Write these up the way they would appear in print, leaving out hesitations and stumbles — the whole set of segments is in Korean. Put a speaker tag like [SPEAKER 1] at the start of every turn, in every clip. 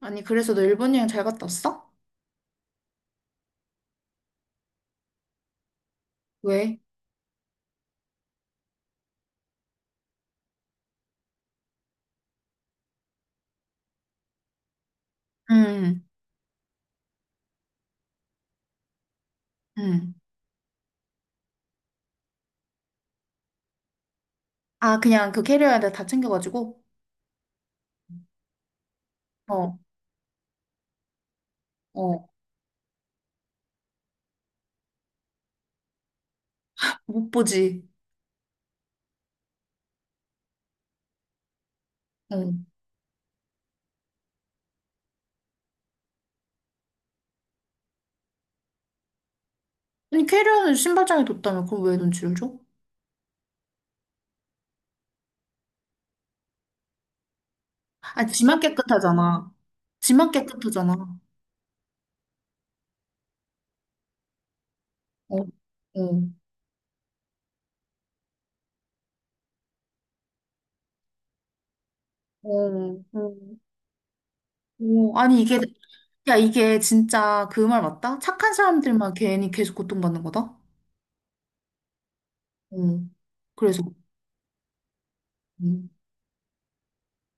[SPEAKER 1] 아니, 그래서 너 일본 여행 잘 갔다 왔어? 왜? 응, 응. 아, 그냥 그 캐리어에다 다 챙겨가지고? 어, 어. 못 보지. 어. 아니, 캐리어는 신발장에 뒀다며. 그럼 왜 눈치를 줘? 아, 지만 깨끗하잖아. 지만 깨끗하잖아. 어, 어, 어, 어. 어. 아니, 이게, 야, 이게 진짜 그 말 맞다? 착한 사람들만 괜히 계속 고통받는 거다? 어. 그래서, 응,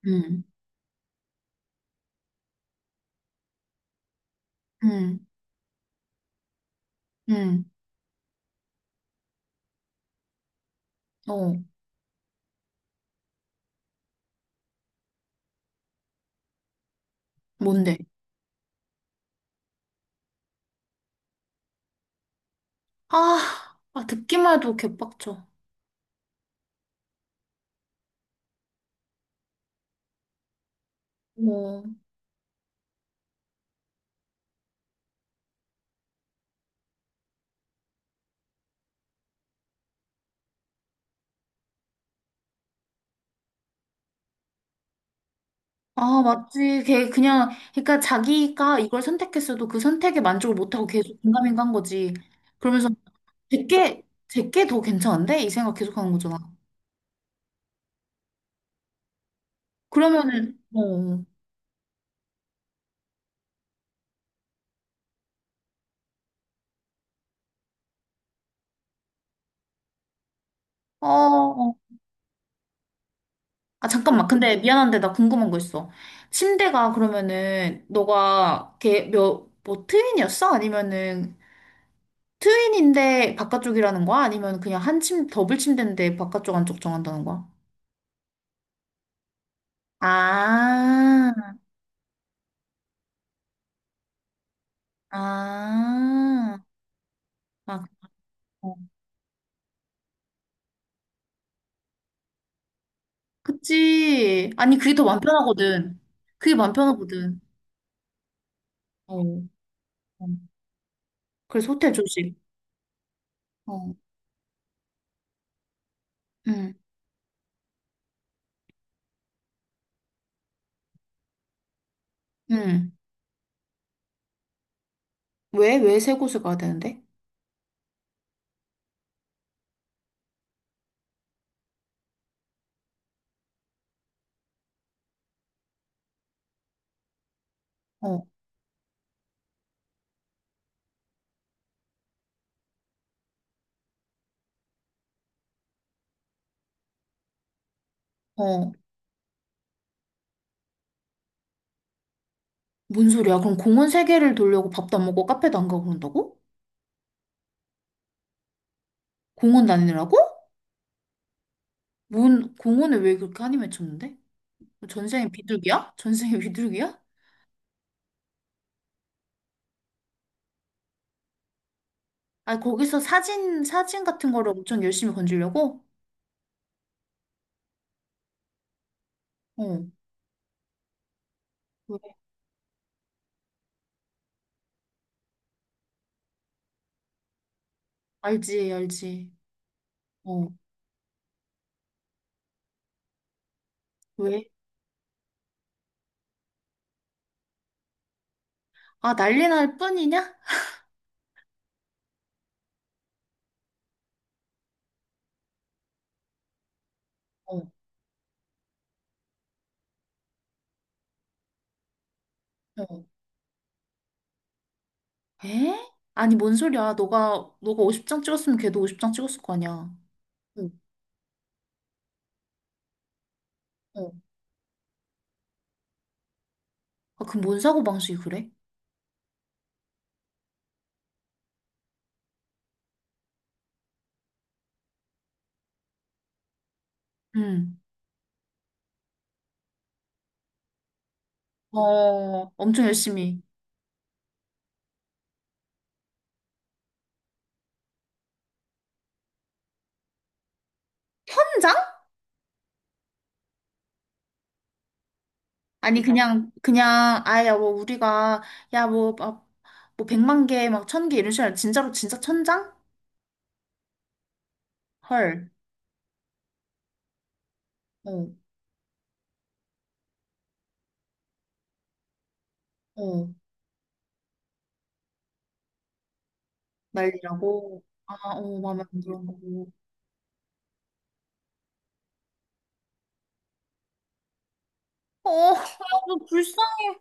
[SPEAKER 1] 응, 응, 응. 어, 뭔데? 아, 아, 듣기만 해도 개빡쳐. 음. 어. 아, 맞지. 걔 그냥, 그러니까 자기가 이걸 선택했어도 그 선택에 만족을 못하고 계속 긴가민가한 거지. 그러면서 제게 더 괜찮은데? 이 생각 계속 하는 거잖아. 그러면은, 어, 어, 어. 아, 잠깐만. 근데 미안한데 나 궁금한 거 있어. 침대가 그러면은, 너가 걔 몇, 뭐 트윈이었어? 아니면은, 트윈인데 바깥쪽이라는 거야? 아니면 그냥 한 침, 더블 침대인데 바깥쪽 안쪽 정한다는 거야? 아, 아, 아, 어. 그치. 아니, 그게 더 마음 편하거든. 그게 마음 편하거든. 어, 어. 그래서 호텔 조식. 어, 응, 응. 왜, 왜 세 곳을 가야 되는데? 어, 어. 뭔 소리야? 그럼 공원 세 개를 돌려고 밥도 안 먹고 카페도 안 가고 그런다고? 공원 다니느라고? 뭔, 공원을 왜 그렇게 한이 맺혔는데? 뭐 전생에 비둘기야? 전생에 비둘기야? 아, 거기서 사진 같은 거를 엄청 열심히 건지려고? 어. 알지, 알지. 어, 왜? 아, 난리 날 뿐이냐? 어, 어. 에? 아니, 뭔 소리야. 너가 50장 찍었으면 걔도 50장 찍었을 거 아니야. 어, 어. 아, 그럼 뭔 사고방식이 그래? 응. 어, 엄청 열심히. 한 장? 아니, 그냥, 아야, 뭐, 우리가, 야, 뭐, 막, 뭐, 백만 개, 막, 천 개 이런 식으로, 아니라 진짜로, 진짜 천장. 헐. 어, 어. 난리라고. 아, 어, 마음에 안 들어. 어, 아, 너 불쌍해.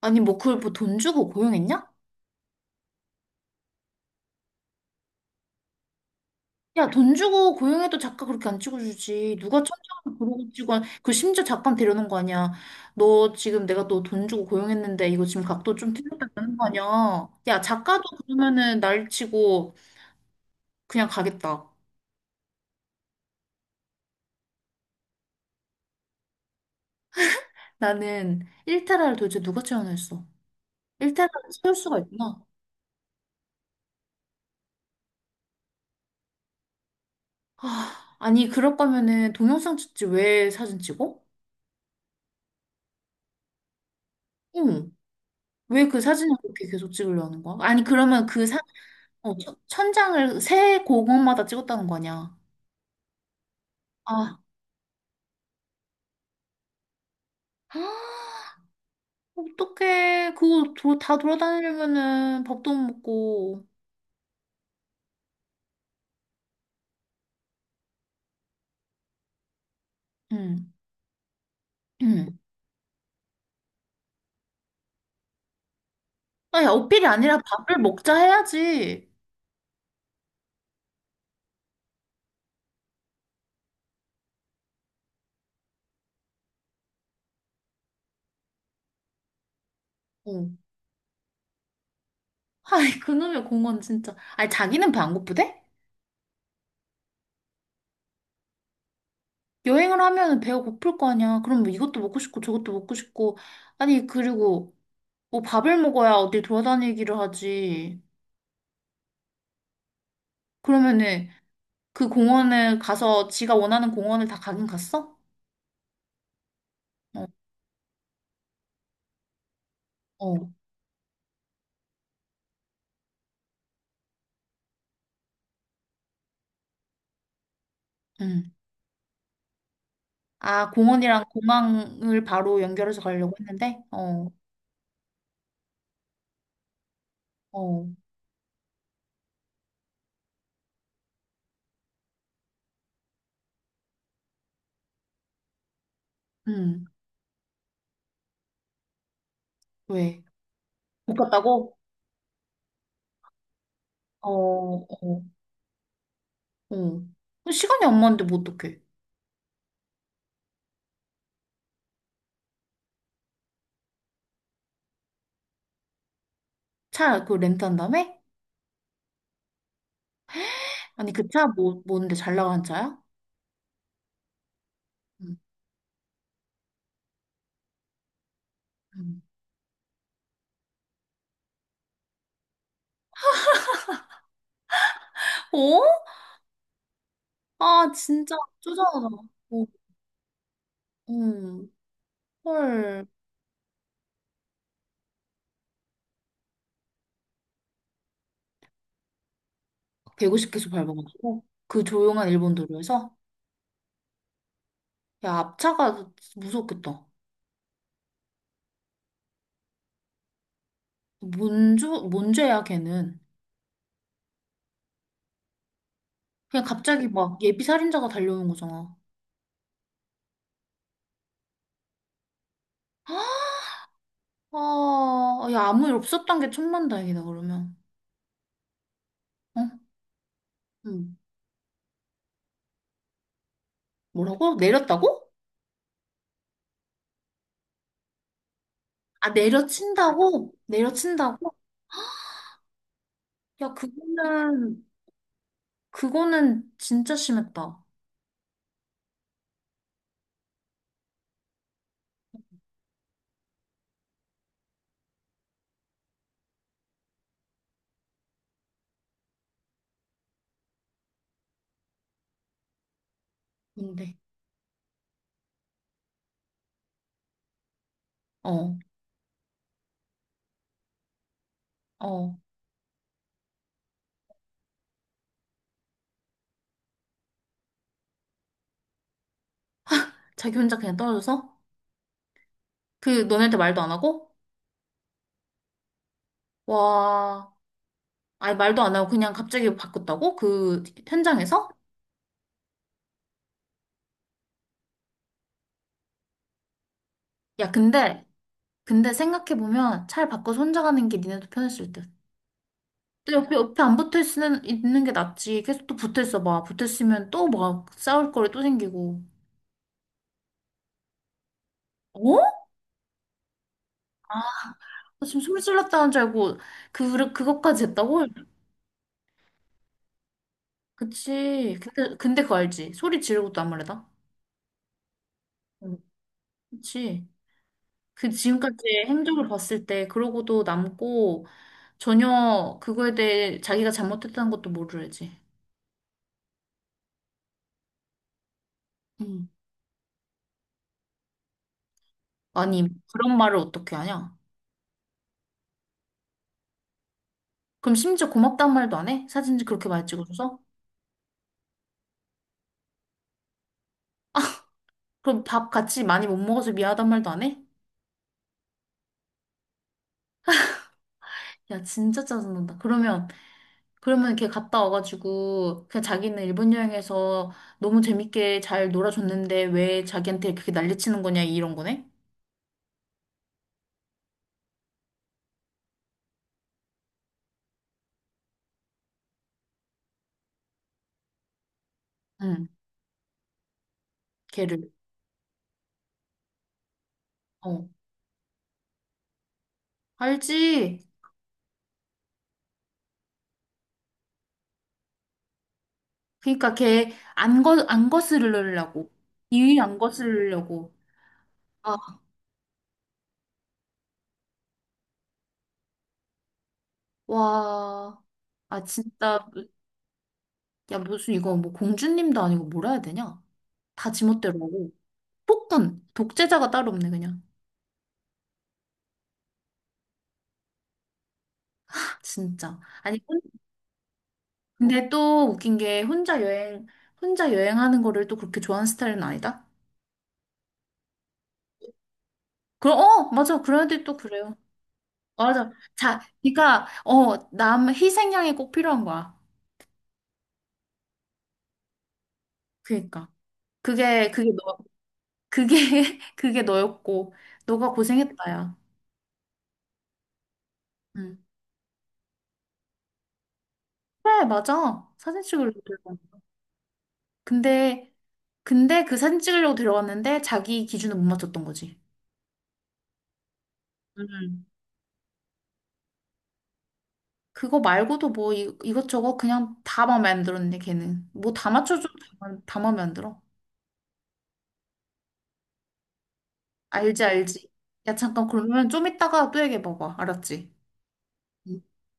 [SPEAKER 1] 아니 뭐 그걸 뭐 돈 주고 고용했냐? 야 돈 주고 고용해도 작가 그렇게 안 찍어주지 누가 천장을 그러고 찍어. 그 심지어 작가는 데려오는 거 아니야. 너 지금 내가 너 돈 주고 고용했는데 이거 지금 각도 좀 틀렸다는 거 아니야. 야 작가도 그러면은 날 치고 그냥 가겠다. 나는 일테라를 도대체 누가 채워냈어. 일테라를 채울 수가 있구나. 아 아니 그럴 거면은 동영상 찍지 왜 사진 찍어? 응. 왜 그 사진을 그렇게 계속 찍으려 하는 거야? 아니 그러면 어, 천장을 새 공원마다 찍었다는 거 아니야. 아, 어떡해. 그거 다 돌아다니려면은 밥도 못 먹고. 응, 응. 아니, 어필이 아니라 밥을 먹자 해야지. 어. 아이, 그놈의 공원 진짜. 아니, 자기는 배 안 고프대? 여행을 하면은 배가 고플 거 아니야. 그럼 뭐 이것도 먹고 싶고 저것도 먹고 싶고. 아니, 그리고 뭐 밥을 먹어야 어디 돌아다니기를 하지. 그러면은 그 공원을 가서 지가 원하는 공원을 다 가긴 갔어? 어. 어, 응. 아, 공원이랑 공항을 바로 연결해서 가려고 했는데, 어, 어, 응. 왜? 못 갔다고? 어, 어, 어. 그 시간이 안 맞는데 뭐 어떡해? 차 그 렌트한 다음에? 아니, 그 차 뭐, 뭔데 잘 나가는 차야? 응, 응. 어? 아, 진짜. 쪼잔하다. 어, 음. 헐. 150km 밟아가지고 그 조용한 일본 도로에서. 야, 앞차가 무섭겠다. 뭔, 뭔 죄야, 걔는. 그냥 갑자기 막 예비 살인자가 달려오는 거잖아. 아, 야, 아무 일 없었던 게 천만다행이다, 그러면. 어? 응. 뭐라고? 내렸다고? 아, 내려친다고? 내려친다고? 야, 그거는, 그거는 진짜 심했다. 근데, 어, 어. 자기 혼자 그냥 떨어져서? 그, 너네한테 말도 안 하고? 와, 아니, 말도 안 하고 그냥 갑자기 바꿨다고? 그, 현장에서? 야, 근데, 근데 생각해보면 차를 바꿔서 혼자 가는 게 니네도 편했을 듯. 근데 옆에 안 붙어 있는 게 낫지. 계속 또 붙어 있어 봐. 붙어 있으면 또 막 싸울 거리 또 생기고. 어? 나 지금 소리 질렀다는 줄 알고, 그것까지 했다고? 그치. 근데 그거 알지? 소리 지르고도 안무래다. 응. 그치. 그 지금까지 행적을 봤을 때, 그러고도 남고, 전혀 그거에 대해 자기가 잘못했다는 것도 모르지. 응. 아니, 그런 말을 어떻게 하냐? 그럼 심지어 고맙다는 말도 안 해? 사진 그렇게 많이 찍어줘서? 그럼 밥 같이 많이 못 먹어서 미안하단 말도 안 해? 야, 진짜 짜증난다. 그러면, 그러면 걔 갔다 와가지고, 그냥 자기는 일본 여행에서 너무 재밌게 잘 놀아줬는데 왜 자기한테 그렇게 난리치는 거냐, 이런 거네? 응, 걔를. 어, 알지? 그니까 걔 안 거스르려고. 이유 안 거스르려고. 아, 와. 아, 진짜. 야, 무슨 이거 뭐 공주님도 아니고 뭐라 해야 되냐? 다 지멋대로 하고. 폭군! 독재자가 따로 없네, 그냥. 진짜. 아니, 근데 또 웃긴 게 혼자 여행, 혼자 여행하는 거를 또 그렇게 좋아하는 스타일은 아니다? 그럼, 어, 맞아. 그런 애들이 또 그래요. 맞아. 자, 그러니까, 어, 남 희생양이 꼭 필요한 거야. 그러니까. 그게, 그게 너, 그게, 그게 너였고, 너가 고생했다, 야. 응. 그래, 맞아. 사진 찍으려고 들어간 근데, 근데 그 사진 찍으려고 들어갔는데 자기 기준을 못 맞췄던 거지. 응. 그거 말고도 뭐 이것저것 그냥 다 마음에 안 들었네, 걔는. 뭐 다 맞춰줘도 다, 다 마음에 안 들어. 알지, 알지. 야, 잠깐, 그러면 좀 이따가 또 얘기해봐봐. 알았지?